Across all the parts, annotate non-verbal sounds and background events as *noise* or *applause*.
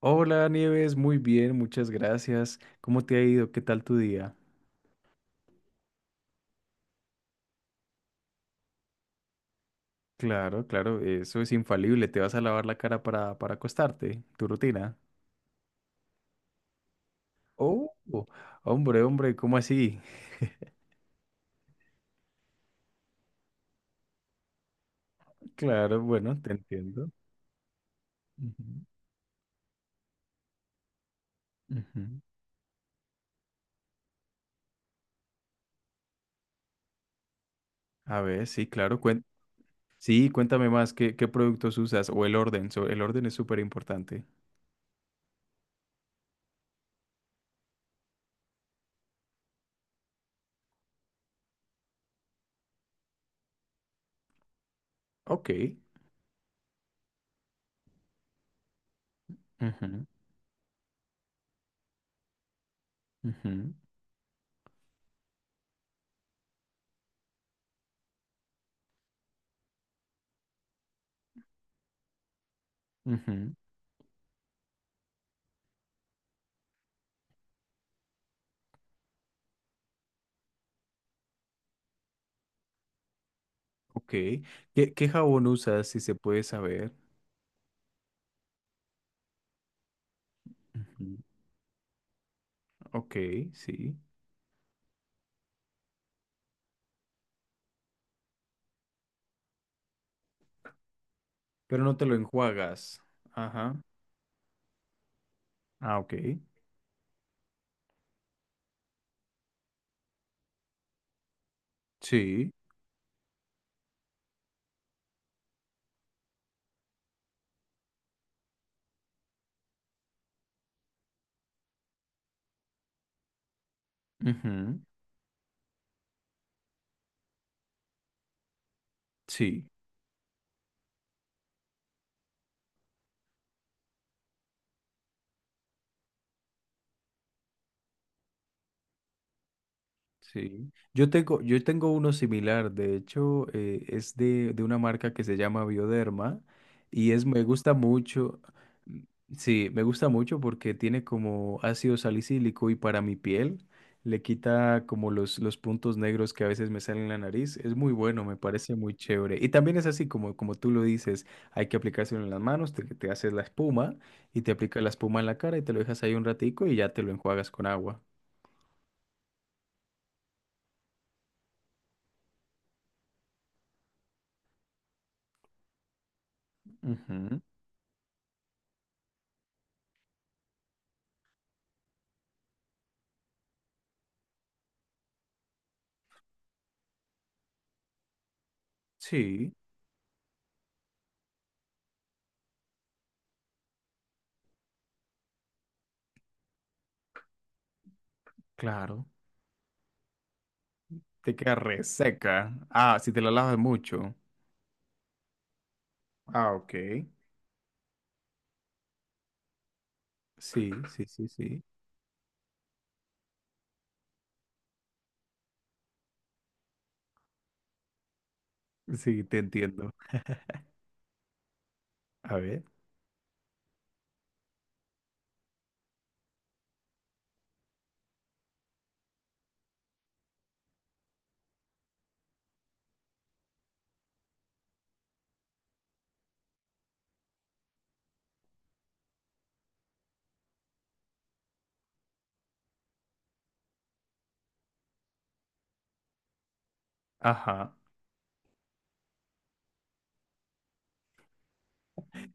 Hola Nieves, muy bien, muchas gracias. ¿Cómo te ha ido? ¿Qué tal tu día? Claro, claro, eso es infalible. Te vas a lavar la cara para acostarte, tu rutina. Oh, hombre, hombre, ¿cómo así? *laughs* Claro, bueno, te entiendo. Ujú, ujú. A ver, sí, claro. Sí, cuéntame más, ¿qué productos usas? O el orden, el orden es súper importante. Ok. Ujú, ujú, ujú. Ok. ¿Qué jabón usas, si se puede saber? Ujú. Ok, sí. Pero no te lo enjuagas. Ajá. Ah, ok. Sí. Ujú. Sí. Sí, yo tengo uno similar, de hecho, es de una marca que se llama Bioderma y es, me gusta mucho, mm, sí, me gusta mucho porque tiene como ácido salicílico y para mi piel le quita como los puntos negros que a veces me salen en la nariz, es muy bueno, me parece muy chévere. Y también es así como, como tú lo dices, hay que aplicárselo en las manos, te haces la espuma y te aplicas la espuma en la cara y te lo dejas ahí un ratico y ya te lo enjuagas con agua. Ujú. Sí. Claro, te queda reseca. Ah, si te la lavas mucho. Ah, ok. Sí, sí, sí, sí. Sí, te entiendo. A ver. Ajá.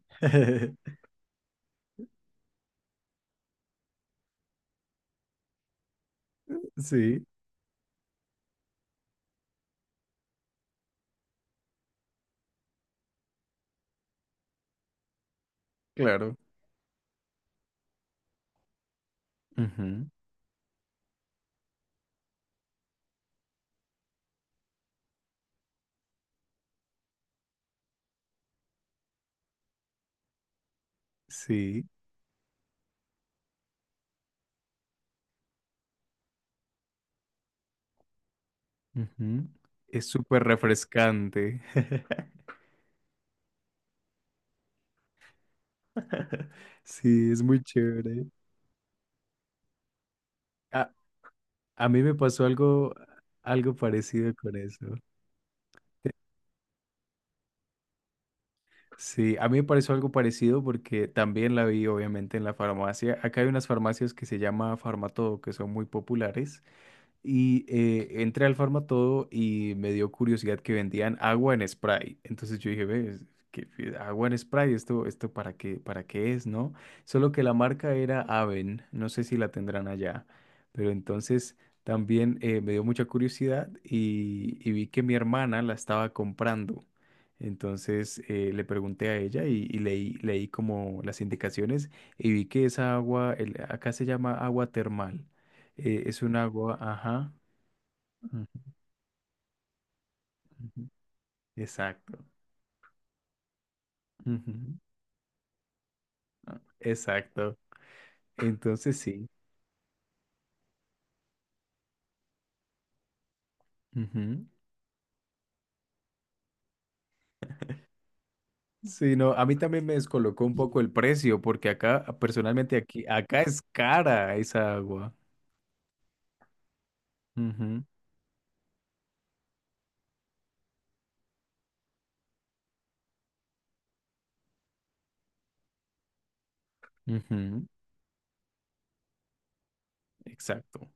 *laughs* Sí, claro. Ujú, sí. Ujú. Es súper refrescante. *laughs* Sí, es muy chévere. A, a mí me pasó algo, algo parecido con eso. Sí, a mí me pareció algo parecido porque también la vi obviamente en la farmacia. Acá hay unas farmacias que se llama Farmatodo, que son muy populares y entré al Farmatodo y me dio curiosidad que vendían agua en spray. Entonces yo dije, ve, es que agua en spray, esto para qué es, ¿no? Solo que la marca era Aven, no sé si la tendrán allá, pero entonces también me dio mucha curiosidad y vi que mi hermana la estaba comprando. Entonces le pregunté a ella y leí como las indicaciones y vi que esa agua, acá se llama agua termal. Es un agua, ajá. Ujú, ujú, exacto. Ujú, exacto. Entonces sí. Ujú. Sí, no, a mí también me descolocó un poco el precio, porque acá, personalmente aquí, acá es cara esa agua. Ujú, ujú, exacto.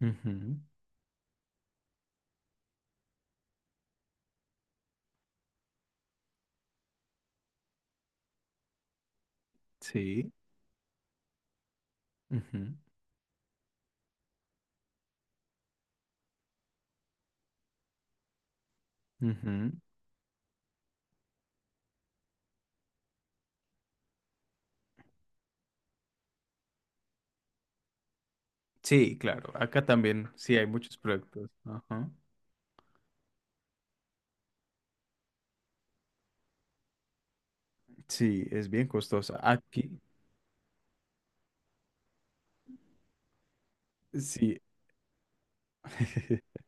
Ujú, sí. Ujú, ujú. Sí, claro. Acá también sí hay muchos productos. Ajá. Sí, es bien costosa. Aquí, sí. *laughs*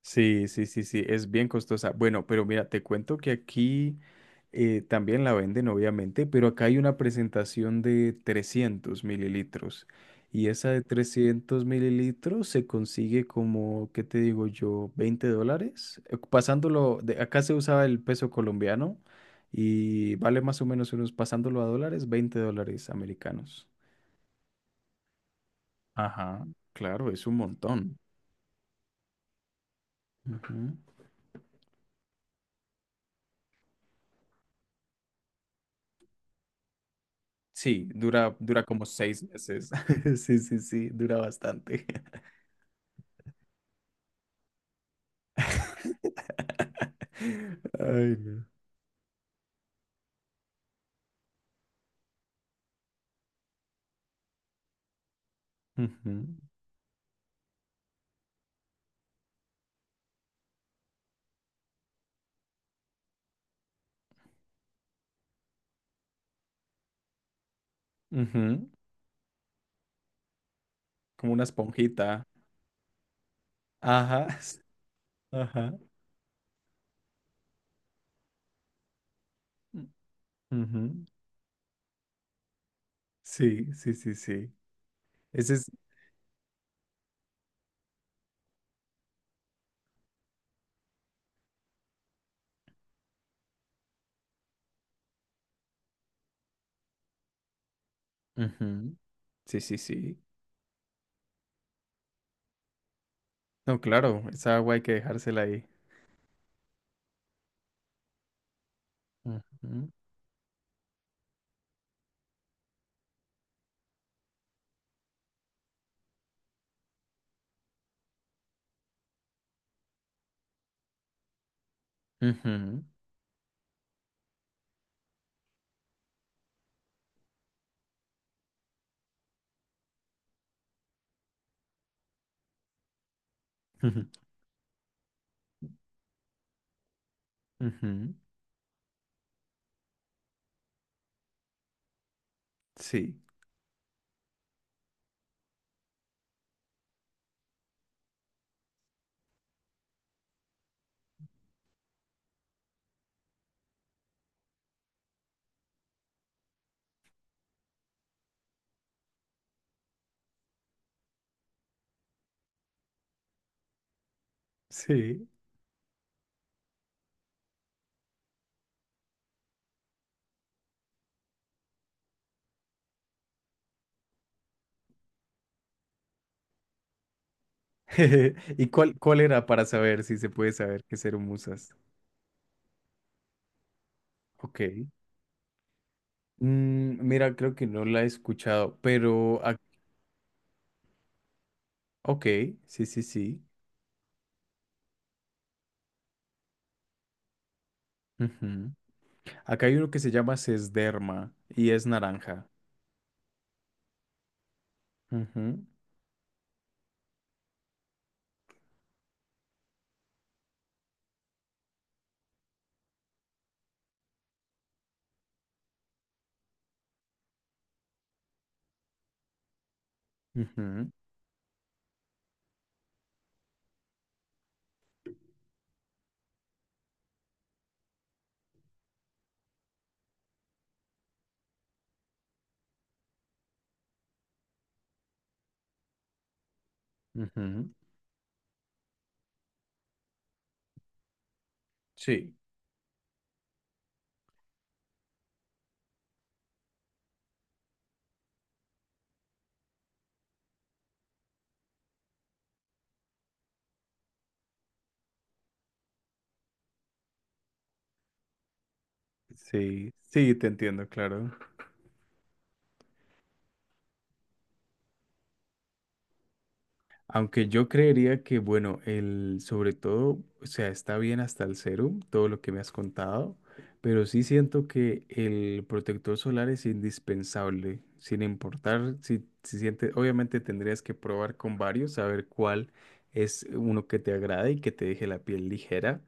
Sí, sí, sí, sí, es bien costosa. Bueno, pero mira, te cuento que aquí también la venden, obviamente, pero acá hay una presentación de 300 mililitros. Y esa de 300 mililitros se consigue como, ¿qué te digo yo? 20 dólares. Pasándolo, de, acá se usaba el peso colombiano y vale más o menos unos, pasándolo a dólares, 20 dólares americanos. Ajá. Claro, es un montón. Ujú. Sí, dura, dura como 6 meses. *laughs* Sí, sí, sí, dura bastante. *laughs* Ay, no. Ujú, ujú, como una esponjita. Ajá, *laughs* ajá. Ujú. Sí, sí, sí, sí. Ese es. Ujú, sí, sí, sí. No, claro, esa agua hay que dejársela ahí. Ujú, ujú, *laughs* ujú, ujú. Sí, sí. *laughs* ¿Y cuál era para saber si se puede saber qué ser musas? Ok. Mm, mira, creo que no la he escuchado, pero... ok, sí, sí, sí. Ujú. Acá hay uno que se llama Sesderma y es naranja. Ujú, ujú, ujú. Sí, sí, sí, te entiendo, claro. Aunque yo creería que, bueno, el, sobre todo, o sea, está bien hasta el serum, todo lo que me has contado, pero sí siento que el protector solar es indispensable, sin importar si, si sientes, obviamente tendrías que probar con varios, saber cuál es uno que te agrade y que te deje la piel ligera,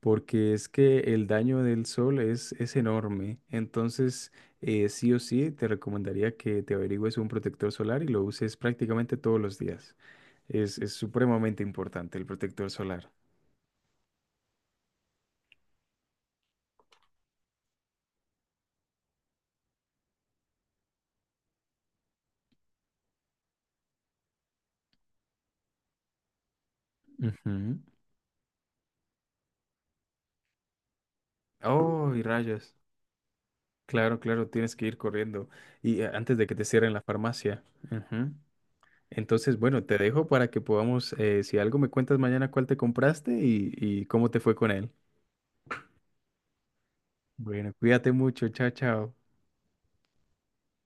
porque es que el daño del sol es enorme, entonces sí o sí te recomendaría que te averigües un protector solar y lo uses prácticamente todos los días. Es supremamente importante el protector solar. Ujú. Oh, y rayos. Claro, claro, tienes que ir corriendo. Y antes de que te cierren la farmacia. Ujú. Entonces, bueno, te dejo para que podamos, si algo me cuentas mañana cuál te compraste y cómo te fue con él. Bueno, cuídate mucho. Chao, chao.